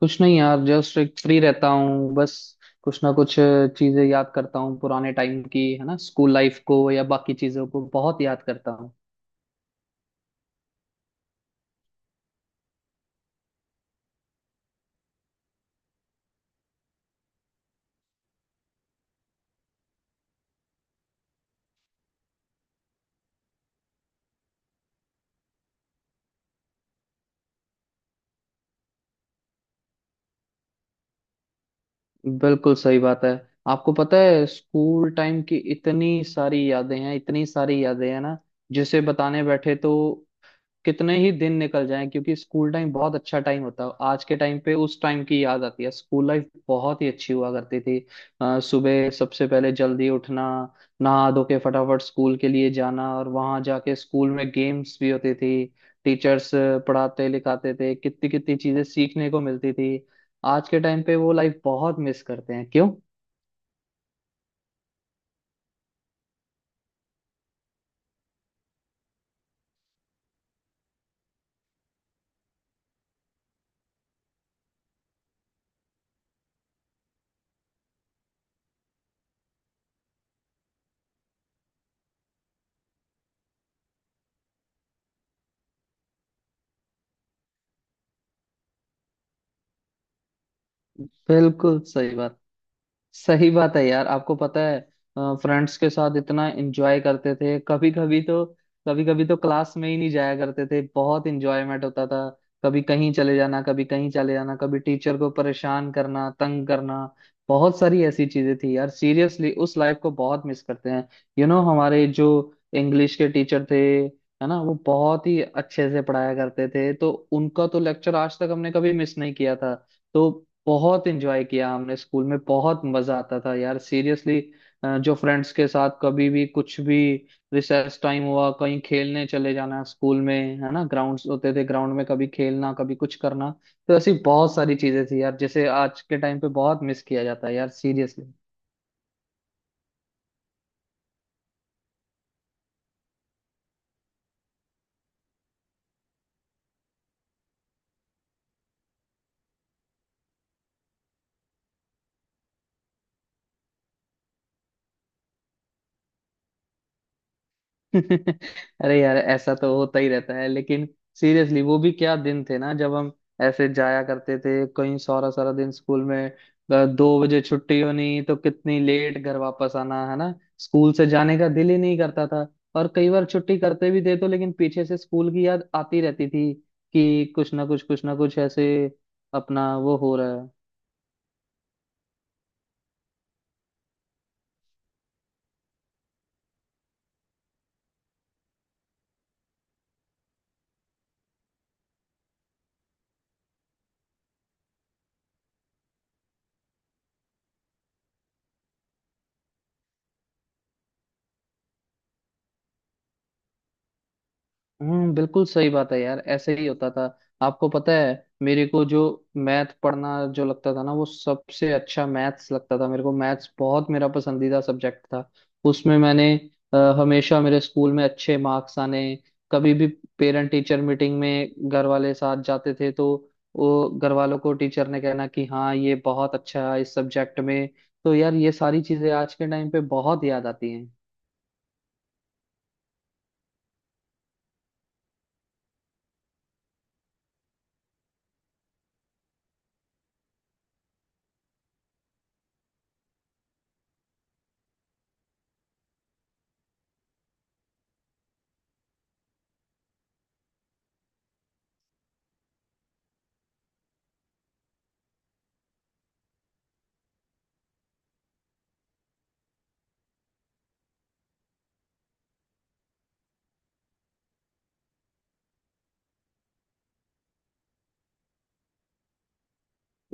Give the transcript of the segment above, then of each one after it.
कुछ नहीं यार जस्ट एक फ्री रहता हूँ बस। कुछ ना कुछ चीजें याद करता हूँ पुराने टाइम की, है ना। स्कूल लाइफ को या बाकी चीजों को बहुत याद करता हूँ। बिल्कुल सही बात है। आपको पता है स्कूल टाइम की इतनी सारी यादें हैं, इतनी सारी यादें हैं ना। जिसे बताने बैठे तो कितने ही दिन निकल जाएं, क्योंकि स्कूल टाइम बहुत अच्छा टाइम होता है। आज के टाइम पे उस टाइम की याद आती है। स्कूल लाइफ बहुत ही अच्छी हुआ करती थी। सुबह सबसे पहले जल्दी उठना, नहा धो के फटाफट स्कूल के लिए जाना, और वहां जाके स्कूल में गेम्स भी होती थी। टीचर्स पढ़ाते लिखाते थे, कितनी कितनी चीजें सीखने को मिलती थी। आज के टाइम पे वो लाइफ बहुत मिस करते हैं, क्यों। बिल्कुल सही बात। सही बात है यार। आपको पता है, फ्रेंड्स के साथ इतना एंजॉय करते थे, कभी कभी तो, कभी कभी तो क्लास में ही नहीं जाया करते थे, बहुत एंजॉयमेंट होता था। कभी कहीं चले जाना, कभी कहीं चले जाना, कभी टीचर को परेशान करना, तंग करना। बहुत सारी ऐसी चीजें थी यार, सीरियसली उस लाइफ को बहुत मिस करते हैं। यू you नो know, हमारे जो इंग्लिश के टीचर थे, है ना, वो बहुत ही अच्छे से पढ़ाया करते थे, तो उनका तो लेक्चर आज तक हमने कभी मिस नहीं किया था। तो बहुत एंजॉय किया हमने स्कूल में, बहुत मजा आता था यार सीरियसली। जो फ्रेंड्स के साथ कभी भी कुछ भी, रिसेस टाइम हुआ कहीं खेलने चले जाना स्कूल में, है ना। ग्राउंड्स होते थे, ग्राउंड में कभी खेलना, कभी कुछ करना। तो ऐसी बहुत सारी चीजें थी यार, जैसे आज के टाइम पे बहुत मिस किया जाता है यार सीरियसली। अरे यार, ऐसा तो होता ही रहता है, लेकिन सीरियसली वो भी क्या दिन थे ना, जब हम ऐसे जाया करते थे कहीं, सारा सारा दिन स्कूल में। दो बजे छुट्टी होनी, तो कितनी लेट घर वापस आना, है ना। स्कूल से जाने का दिल ही नहीं करता था। और कई बार छुट्टी करते भी थे तो, लेकिन पीछे से स्कूल की याद आती रहती थी, कि कुछ ना कुछ, कुछ ना कुछ ऐसे अपना वो हो रहा है। हम्म, बिल्कुल सही बात है यार, ऐसे ही होता था। आपको पता है, मेरे को जो मैथ पढ़ना, जो लगता था ना, वो सबसे अच्छा मैथ्स लगता था। मेरे को मैथ्स बहुत, मेरा पसंदीदा सब्जेक्ट था। उसमें मैंने हमेशा मेरे स्कूल में अच्छे मार्क्स आने, कभी भी पेरेंट टीचर मीटिंग में घर वाले साथ जाते थे, तो वो घर वालों को टीचर ने कहना कि हाँ, ये बहुत अच्छा है इस सब्जेक्ट में। तो यार ये सारी चीजें आज के टाइम पे बहुत याद आती हैं।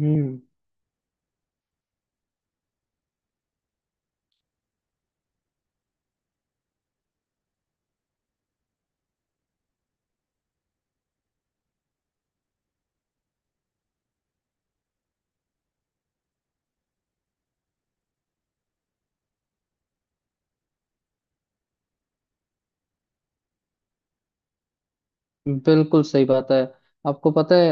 हम्म, बिल्कुल सही बात है। आपको पता है,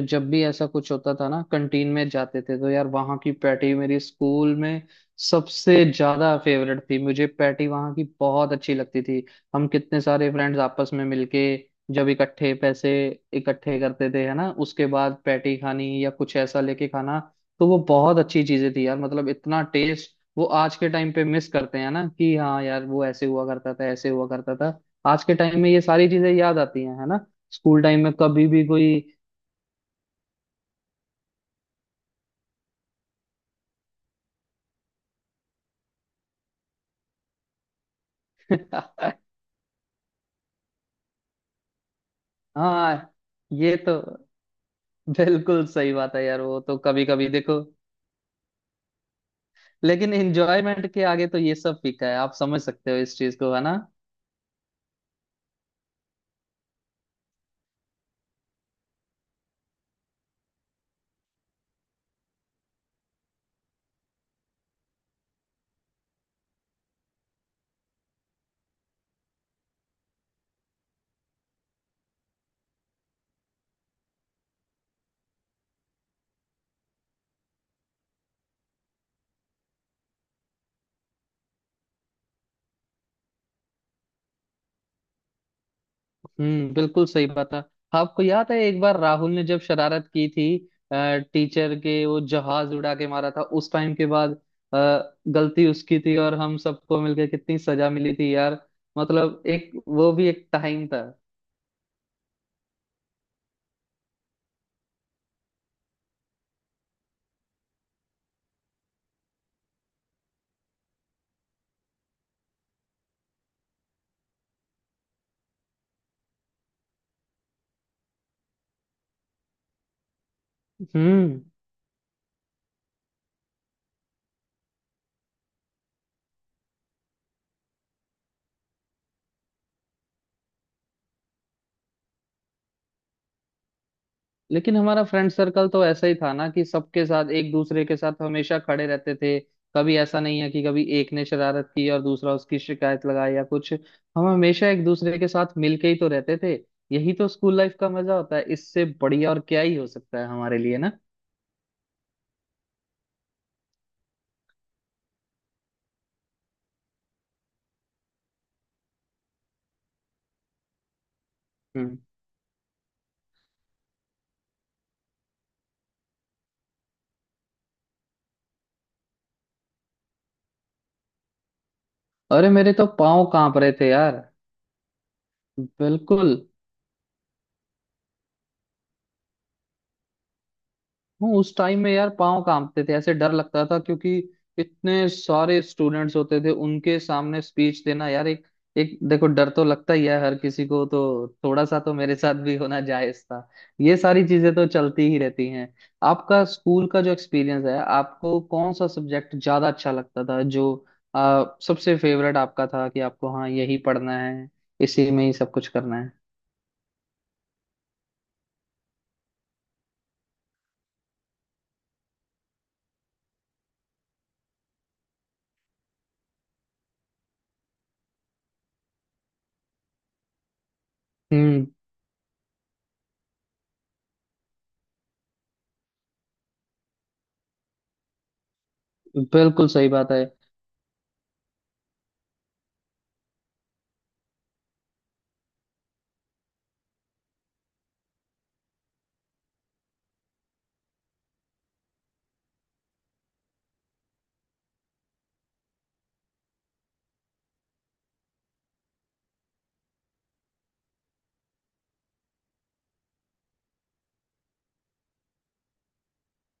जब भी ऐसा कुछ होता था ना, कंटीन में जाते थे, तो यार वहाँ की पैटी मेरी स्कूल में सबसे ज्यादा फेवरेट थी। मुझे पैटी वहाँ की बहुत अच्छी लगती थी। हम कितने सारे फ्रेंड्स आपस में मिलके, जब इकट्ठे पैसे इकट्ठे करते थे, है ना, उसके बाद पैटी खानी, या कुछ ऐसा लेके खाना। तो वो बहुत अच्छी चीजें थी यार, मतलब इतना टेस्ट वो आज के टाइम पे मिस करते हैं ना, कि हाँ यार वो ऐसे हुआ करता था, ऐसे हुआ करता था। आज के टाइम में ये सारी चीजें याद आती हैं, है ना। स्कूल टाइम में कभी भी कोई। हाँ, ये तो बिल्कुल सही बात है यार, वो तो कभी कभी देखो, लेकिन एंजॉयमेंट के आगे तो ये सब फीका है, आप समझ सकते हो इस चीज को, है ना। हम्म, बिल्कुल सही बात है। आपको याद है, एक बार राहुल ने जब शरारत की थी, टीचर के वो जहाज उड़ा के मारा था, उस टाइम के बाद गलती उसकी थी, और हम सबको मिलके कितनी सजा मिली थी यार। मतलब एक वो भी एक टाइम था। हम्म लेकिन हमारा फ्रेंड सर्कल तो ऐसा ही था ना, कि सबके साथ, एक दूसरे के साथ हमेशा खड़े रहते थे। कभी ऐसा नहीं है कि कभी एक ने शरारत की और दूसरा उसकी शिकायत लगाई या कुछ, हम हमेशा एक दूसरे के साथ मिलके ही तो रहते थे। यही तो स्कूल लाइफ का मजा होता है, इससे बढ़िया और क्या ही हो सकता है हमारे लिए ना। हम्म, अरे मेरे तो पाँव कांप रहे थे यार। बिल्कुल। हाँ, उस टाइम में यार पाँव कांपते थे, ऐसे डर लगता था, क्योंकि इतने सारे स्टूडेंट्स होते थे, उनके सामने स्पीच देना यार, एक एक देखो, डर तो लगता ही है हर किसी को, तो थोड़ा सा तो मेरे साथ भी होना जायज था। ये सारी चीजें तो चलती ही रहती हैं। आपका स्कूल का जो एक्सपीरियंस है, आपको कौन सा सब्जेक्ट ज्यादा अच्छा लगता था, जो सबसे फेवरेट आपका था, कि आपको हाँ यही पढ़ना है, इसी में ही सब कुछ करना है। हम्म, बिल्कुल सही बात है।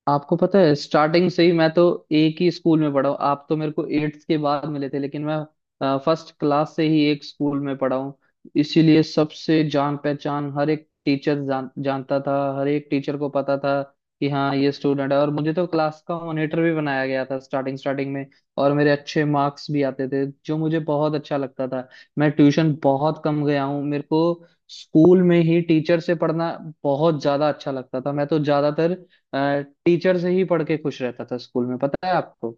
आपको पता है, स्टार्टिंग से ही मैं तो एक ही स्कूल में पढ़ा हूँ। आप तो मेरे को एट्थ के बाद मिले थे, लेकिन मैं फर्स्ट क्लास से ही एक स्कूल में पढ़ा हूँ। इसीलिए सबसे जान पहचान, हर एक टीचर जानता था, हर एक टीचर को पता था कि हाँ, ये स्टूडेंट है, और मुझे तो क्लास का मॉनिटर भी बनाया गया था स्टार्टिंग स्टार्टिंग में। और मेरे अच्छे मार्क्स भी आते थे, जो मुझे बहुत अच्छा लगता था। मैं ट्यूशन बहुत कम गया हूँ, मेरे को स्कूल में ही टीचर से पढ़ना बहुत ज्यादा अच्छा लगता था। मैं तो ज्यादातर टीचर से ही पढ़ के खुश रहता था स्कूल में, पता है आपको।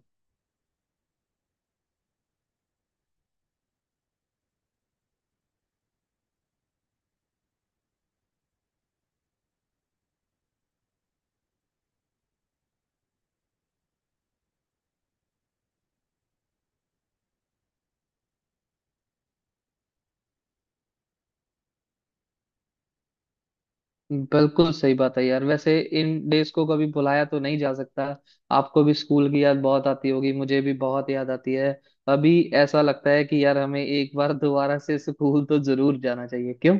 बिल्कुल सही बात है यार, वैसे इन डेज को कभी भुलाया तो नहीं जा सकता। आपको भी स्कूल की याद बहुत आती होगी, मुझे भी बहुत याद आती है। अभी ऐसा लगता है कि यार, हमें एक बार दोबारा से स्कूल तो जरूर जाना चाहिए, क्यों।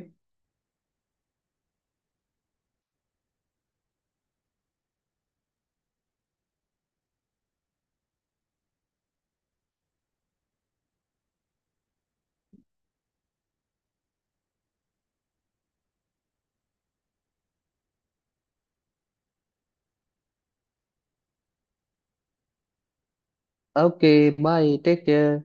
Okay, bye, take care.